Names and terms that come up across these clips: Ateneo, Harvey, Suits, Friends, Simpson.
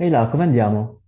Ehi là, come andiamo?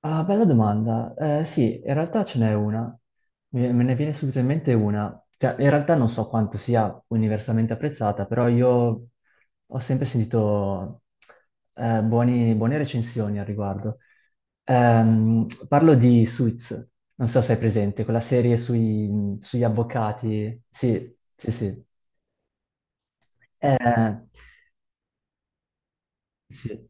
Ah, bella domanda. Sì, in realtà ce n'è una. Me ne viene subito in mente una. Cioè, in realtà non so quanto sia universalmente apprezzata, però io ho sempre sentito buone recensioni al riguardo. Parlo di Suits, non so se è presente, quella serie sugli avvocati. Sì, sì, sì. Eh, sì.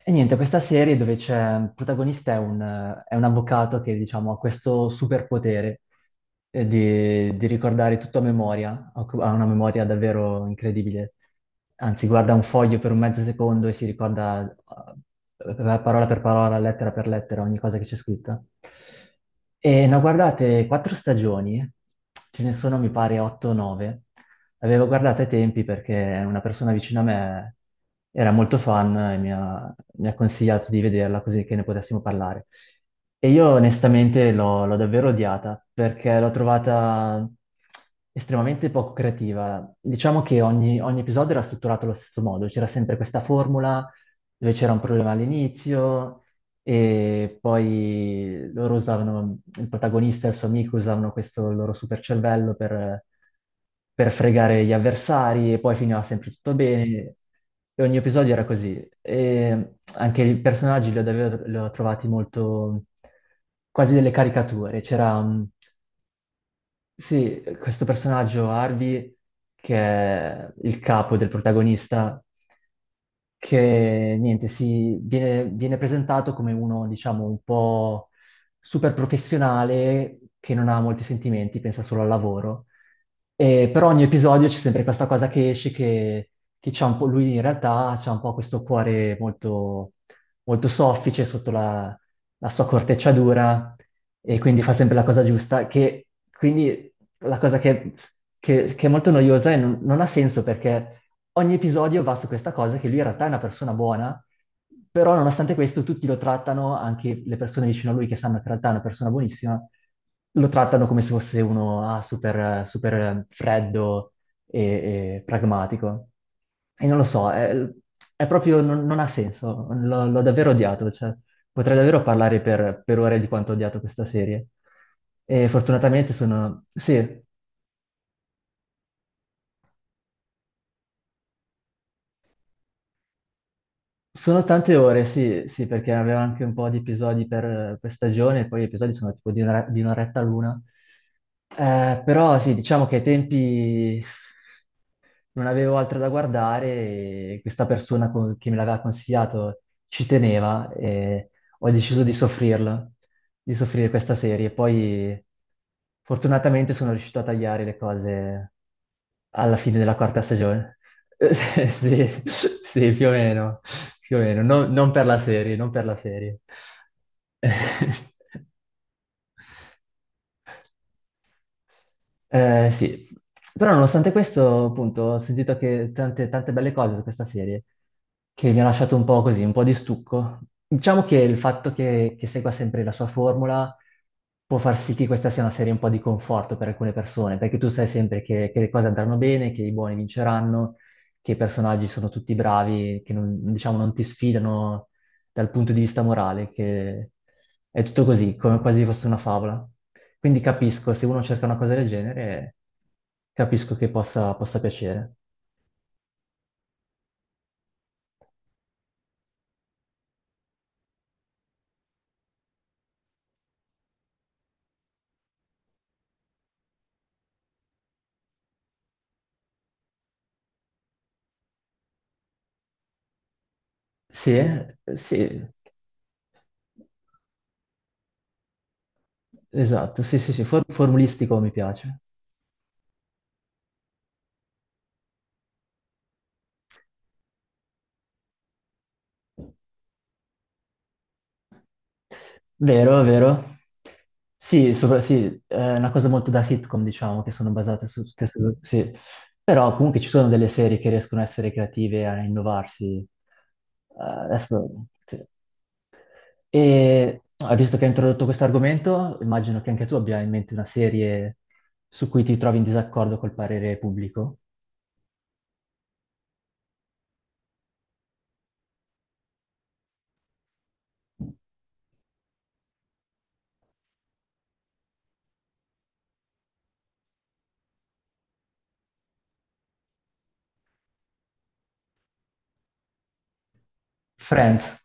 E niente, questa serie dove c'è, il protagonista è è un avvocato che, diciamo, ha questo superpotere di ricordare tutto a memoria, ha una memoria davvero incredibile. Anzi, guarda un foglio per un mezzo secondo e si ricorda eh, eh, parola per parola, lettera per lettera, ogni cosa che c'è scritta. E ne ho guardate quattro stagioni, ce ne sono mi pare 8 o 9. Avevo guardato ai tempi perché una persona vicino a me era molto fan e mi ha consigliato di vederla così che ne potessimo parlare. E io onestamente l'ho davvero odiata perché l'ho trovata estremamente poco creativa. Diciamo che ogni episodio era strutturato allo stesso modo, c'era sempre questa formula dove c'era un problema all'inizio, e poi il protagonista e il suo amico usavano questo loro super cervello per fregare gli avversari e poi finiva sempre tutto bene. E ogni episodio era così. E anche i personaggi li ho trovati quasi delle caricature. Sì, questo personaggio Harvey, che è il capo del protagonista, che niente, si, viene presentato come uno, diciamo, un po' super professionale che non ha molti sentimenti, pensa solo al lavoro. E per ogni episodio c'è sempre questa cosa che esce, che c'ha un po', lui in realtà c'ha un po' questo cuore molto soffice sotto la sua corteccia dura e quindi fa sempre la cosa giusta, che quindi la cosa che è molto noiosa e non ha senso perché ogni episodio va su questa cosa che lui in realtà è una persona buona, però nonostante questo tutti lo trattano, anche le persone vicino a lui che sanno che in realtà è una persona buonissima, lo trattano come se fosse uno super, super freddo e, e pragmatico. E non lo so, è proprio, non ha senso, l'ho davvero odiato. Cioè. Potrei davvero parlare per ore di quanto ho odiato questa serie. E fortunatamente sono... Sì, sono tante ore, sì, sì, perché aveva anche un po' di episodi per stagione, e poi gli episodi sono tipo di un'oretta l'una. Però sì, diciamo che ai tempi non avevo altro da guardare e questa che me l'aveva consigliato ci teneva e ho deciso di soffrirla, di soffrire questa serie. Poi fortunatamente sono riuscito a tagliare le cose alla fine della quarta stagione. Sì, sì, più o meno, più o meno. Non per la serie, non per la serie. Sì, però nonostante questo, appunto, ho sentito che tante belle cose su questa serie che mi ha lasciato un po' così, un po' di stucco. Diciamo che il fatto che segua sempre la sua formula può far sì che questa sia una serie un po' di conforto per alcune persone, perché tu sai sempre che le cose andranno bene, che i buoni vinceranno, che i personaggi sono tutti bravi, che non, diciamo, non ti sfidano dal punto di vista morale, che è tutto così, come quasi fosse una favola. Quindi capisco, se uno cerca una cosa del genere, capisco che possa piacere. Sì, sì, esatto, sì, sì, sì, formulistico mi piace. Vero, vero. Sì, sì, è una cosa molto da sitcom, diciamo, che sono basate su tutte su... Sì. Però comunque ci sono delle serie che riescono a essere creative, a innovarsi. Adesso... sì. E visto che hai introdotto questo argomento, immagino che anche tu abbia in mente una serie su cui ti trovi in disaccordo col parere pubblico. Friends.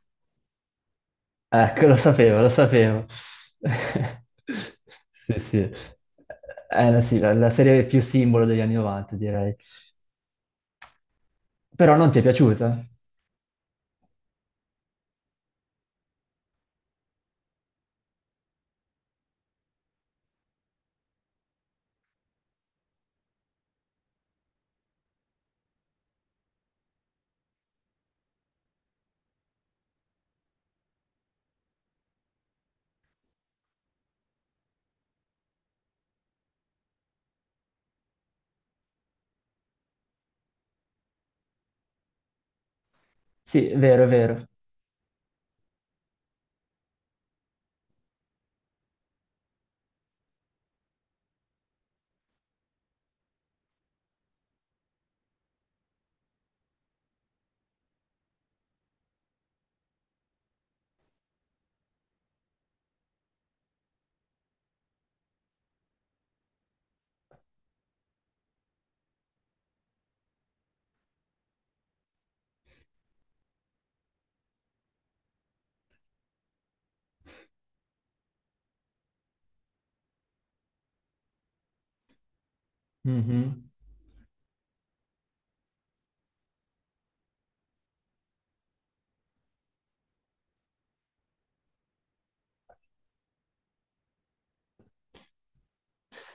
Ecco, lo sapevo, lo sapevo. Sì, sì. È sì, la serie più simbolo degli anni 90, direi. Però non ti è piaciuta? Sì, è vero, è vero. Mhm.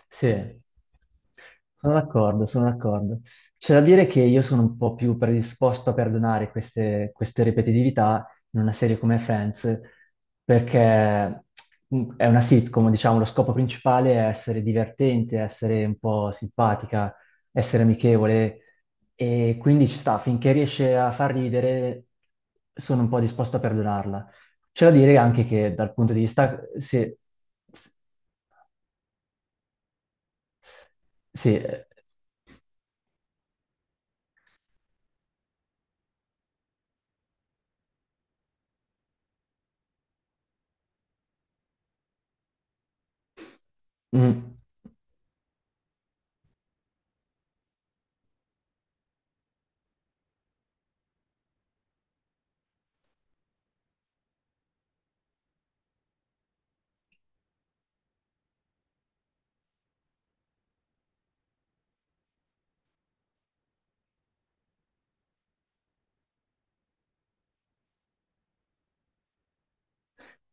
Sì. Sono d'accordo, sono d'accordo. C'è da dire che io sono un po' più predisposto a perdonare queste ripetitività in una serie come Friends, perché mm, è una sitcom, diciamo, lo scopo principale è essere divertente, essere un po' simpatica, essere amichevole, e quindi ci sta, finché riesce a far ridere, sono un po' disposto a perdonarla. C'è da dire anche che dal punto di vista... sì, Mm.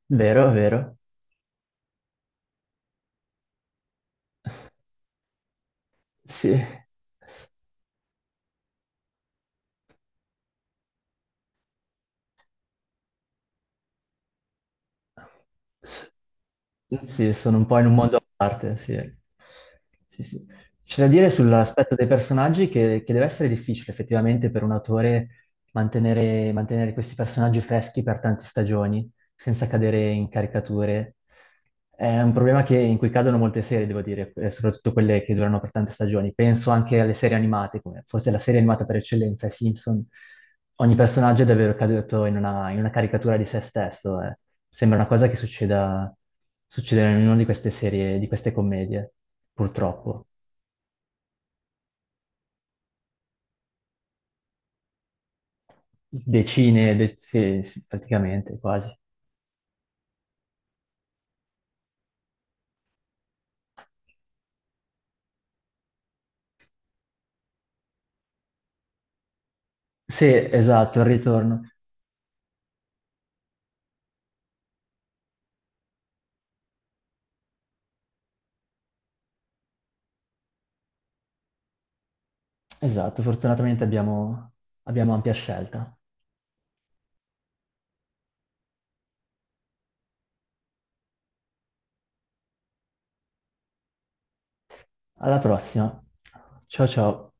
Vero, vero. Sì. S- Sì, sono un po' in un mondo a parte, sì. Sì, sì. C'è da dire sull'aspetto dei personaggi che deve essere difficile effettivamente per un autore mantenere questi personaggi freschi per tante stagioni. Senza cadere in caricature. È un problema che in cui cadono molte serie, devo dire, soprattutto quelle che durano per tante stagioni. Penso anche alle serie animate, come forse la serie animata per eccellenza, i Simpson. Ogni personaggio è davvero caduto in una caricatura di se stesso. Eh. Sembra una cosa che succeda, succeda in una di queste serie, di queste commedie, purtroppo. Decine, sì, sì, praticamente, quasi. Sì, esatto, il ritorno. Esatto, fortunatamente abbiamo ampia scelta. Alla prossima. Ciao ciao.